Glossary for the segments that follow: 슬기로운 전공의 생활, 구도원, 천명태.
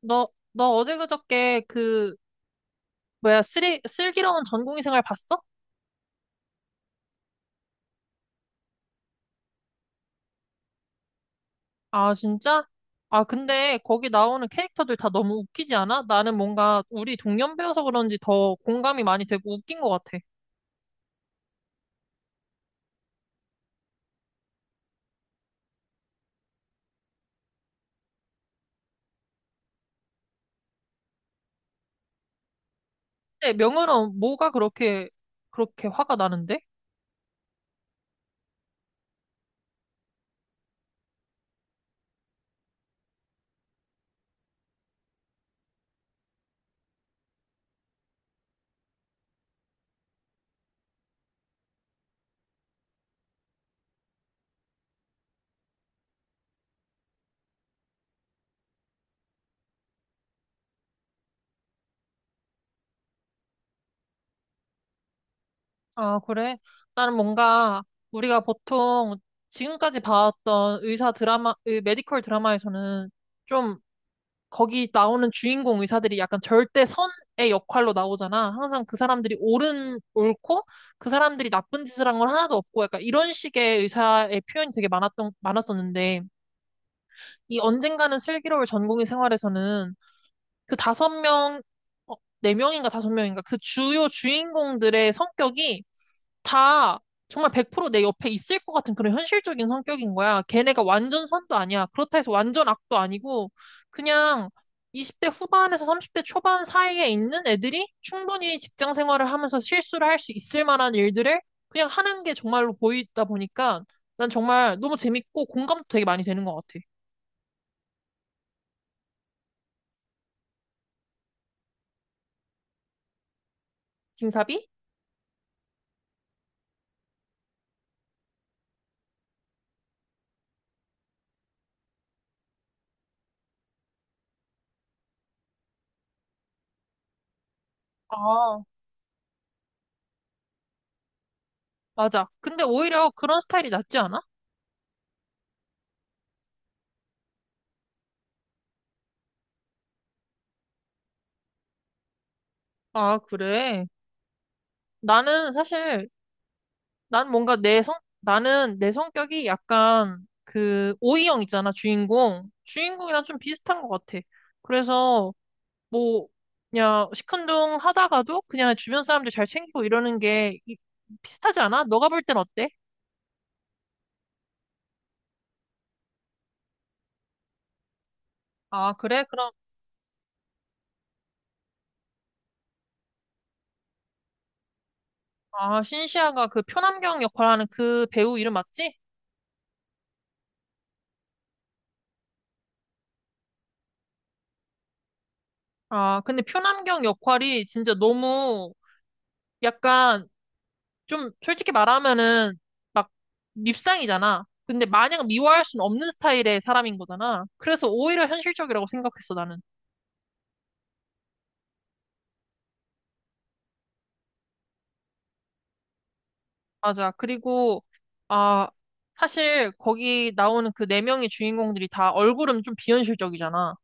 너 어제 그저께 그, 뭐야, 슬기로운 전공의 생활 봤어? 아, 진짜? 아, 근데 거기 나오는 캐릭터들 다 너무 웃기지 않아? 나는 뭔가 우리 동년 배여서 그런지 더 공감이 많이 되고 웃긴 것 같아. 근데 명은은 뭐가 그렇게, 그렇게 화가 나는데? 아, 그래? 나는 뭔가 우리가 보통 지금까지 봐왔던 의사 드라마, 메디컬 드라마에서는 좀 거기 나오는 주인공 의사들이 약간 절대선의 역할로 나오잖아. 항상 그 사람들이 옳고, 그 사람들이 나쁜 짓을 한 건 하나도 없고, 약간 이런 식의 의사의 표현이 되게 많았었는데, 이 언젠가는 슬기로울 전공의 생활에서는 그 5명, 어, 네 명인가 다섯 명인가 그 주요 주인공들의 성격이 다 정말 100% 내 옆에 있을 것 같은 그런 현실적인 성격인 거야. 걔네가 완전 선도 아니야. 그렇다 해서 완전 악도 아니고 그냥 20대 후반에서 30대 초반 사이에 있는 애들이 충분히 직장 생활을 하면서 실수를 할 수 있을 만한 일들을 그냥 하는 게 정말로 보이다 보니까 난 정말 너무 재밌고 공감도 되게 많이 되는 것 같아. 김사비? 아, 맞아. 근데 오히려 그런 스타일이 낫지 않아? 아, 그래. 나는 사실 난 뭔가 나는 내 성격이 약간 그 오이형 있잖아, 주인공. 주인공이랑 좀 비슷한 것 같아. 그래서 뭐 그냥 시큰둥 하다가도 그냥 주변 사람들 잘 챙기고 이러는 게 비슷하지 않아? 너가 볼 땐 어때? 아, 그래? 그럼 아, 신시아가 그 표남경 역할하는 그 배우 이름 맞지? 아, 근데 표남경 역할이 진짜 너무 약간 좀 솔직히 말하면은 막 밉상이잖아. 근데 마냥 미워할 순 없는 스타일의 사람인 거잖아. 그래서 오히려 현실적이라고 생각했어, 나는. 맞아. 그리고, 아, 사실 거기 나오는 그 네 명의 주인공들이 다 얼굴은 좀 비현실적이잖아.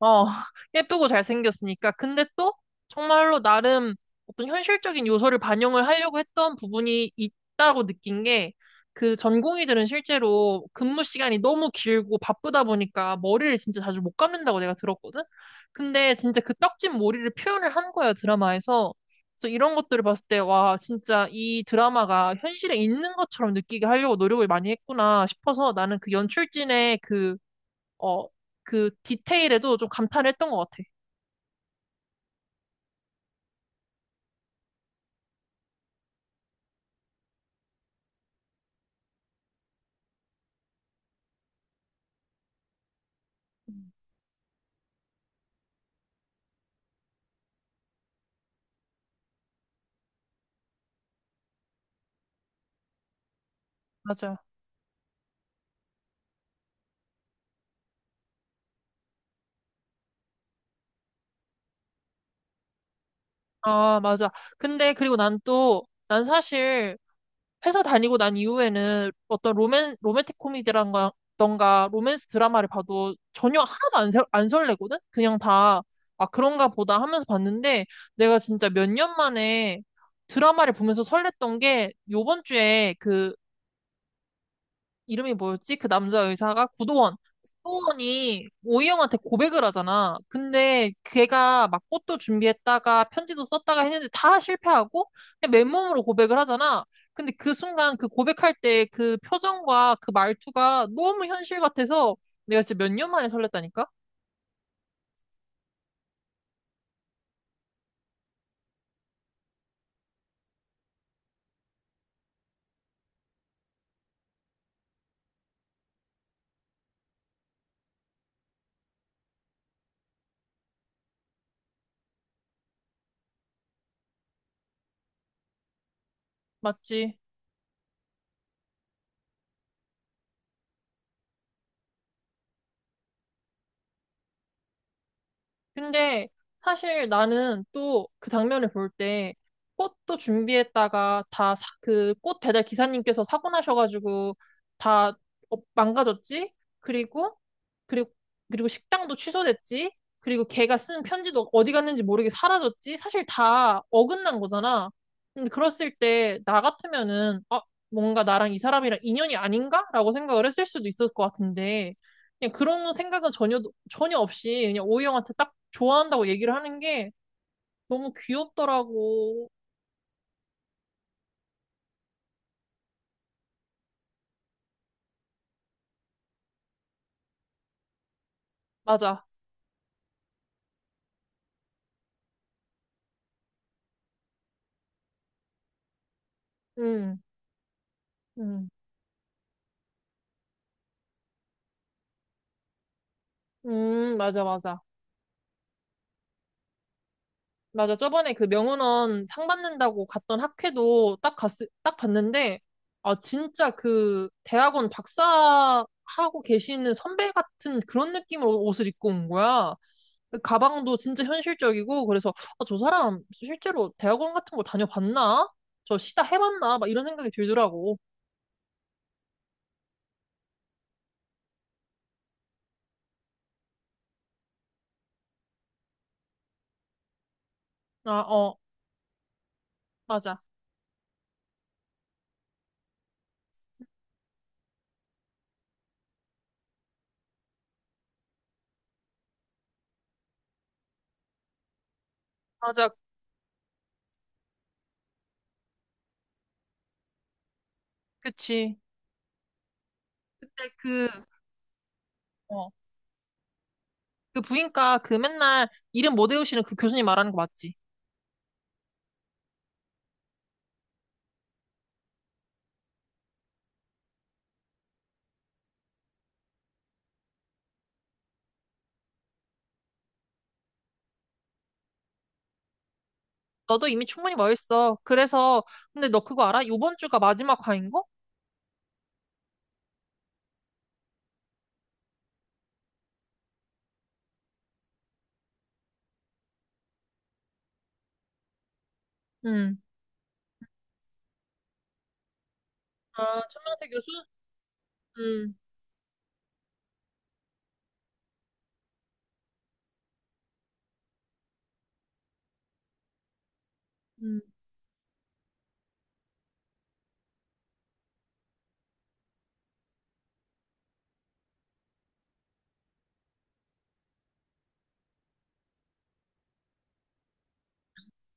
어, 예쁘고 잘생겼으니까. 근데 또 정말로 나름 어떤 현실적인 요소를 반영을 하려고 했던 부분이 있다고 느낀 게 그 전공의들은 실제로 근무 시간이 너무 길고 바쁘다 보니까 머리를 진짜 자주 못 감는다고 내가 들었거든? 근데 진짜 그 떡진 머리를 표현을 한 거야, 드라마에서. 그래서 이런 것들을 봤을 때, 와, 진짜 이 드라마가 현실에 있는 것처럼 느끼게 하려고 노력을 많이 했구나 싶어서 나는 그 연출진의 그 어, 그 디테일에도 좀 감탄했던 것 같아. 맞아. 아, 맞아. 근데 그리고 난 또, 난 사실 회사 다니고 난 이후에는 어떤 로맨틱 코미디라던가 던가 로맨스 드라마를 봐도 전혀 하나도 안 설레거든? 그냥 다, 아, 그런가 보다 하면서 봤는데 내가 진짜 몇 년 만에 드라마를 보면서 설렜던 게 요번 주에 그 이름이 뭐였지? 그 남자 의사가 구도원. 구도원이 오이영한테 고백을 하잖아. 근데 걔가 막 꽃도 준비했다가 편지도 썼다가 했는데 다 실패하고 그냥 맨몸으로 고백을 하잖아. 근데 그 순간 그 고백할 때 그 표정과 그 말투가 너무 현실 같아서 내가 진짜 몇 년 만에 설렜다니까? 맞지? 근데 사실 나는 또 그 장면을 볼 때 꽃도 준비했다가 다 그 꽃 배달 기사님께서 사고 나셔가지고 다 어, 망가졌지? 그리고 그리고 식당도 취소됐지? 그리고 걔가 쓴 편지도 어디 갔는지 모르게 사라졌지? 사실 다 어긋난 거잖아. 근데 그랬을 때 나 같으면은 아, 뭔가 나랑 이 사람이랑 인연이 아닌가? 라고 생각을 했을 수도 있을 것 같은데 그냥 그런 생각은 전혀 없이 그냥 오이 형한테 딱 좋아한다고 얘기를 하는 게 너무 귀엽더라고. 맞아. 음, 음, 맞아, 맞아. 맞아. 저번에 그 명은원 상 받는다고 갔던 학회도 딱 봤는데, 아, 진짜 그 대학원 박사하고 계시는 선배 같은 그런 느낌으로 옷을 입고 온 거야. 가방도 진짜 현실적이고 그래서 아, 저 사람 실제로 대학원 같은 거 다녀봤나? 저 시다 해봤나? 막 이런 생각이 들더라고. 아, 어, 맞아. 맞아. 그치. 그때 그, 어, 그 부인과 그 맨날 이름 못 외우시는 그 교수님 말하는 거 맞지? 너도 이미 충분히 멋있어. 그래서 근데 너 그거 알아? 요번 주가 마지막 화인 거? 응. 아, 천명태 교수? 응. 응.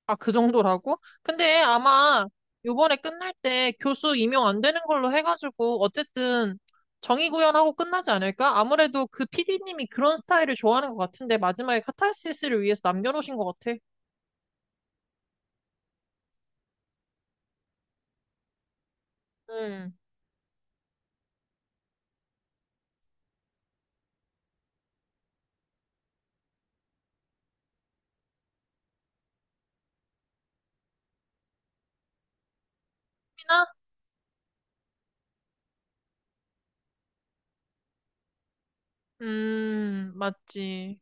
아, 그 정도라고? 근데 아마 요번에 끝날 때 교수 임용 안 되는 걸로 해가지고 어쨌든 정의 구현하고 끝나지 않을까? 아무래도 그 PD님이 그런 스타일을 좋아하는 것 같은데 마지막에 카타르시스를 위해서 남겨놓으신 것 같아. 음. 피나? 맞지.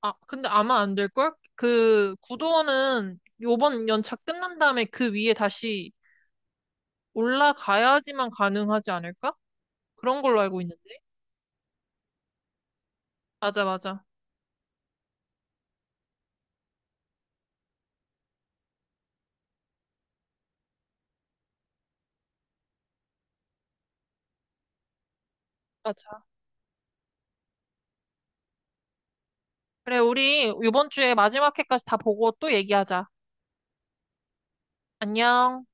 아, 근데 아마 안 될걸? 그 구도는 요번 연차 끝난 다음에 그 위에 다시 올라가야지만 가능하지 않을까? 그런 걸로 알고 있는데. 맞아, 맞아. 맞아. 그래, 우리 이번 주에 마지막 회까지 다 보고 또 얘기하자. 안녕.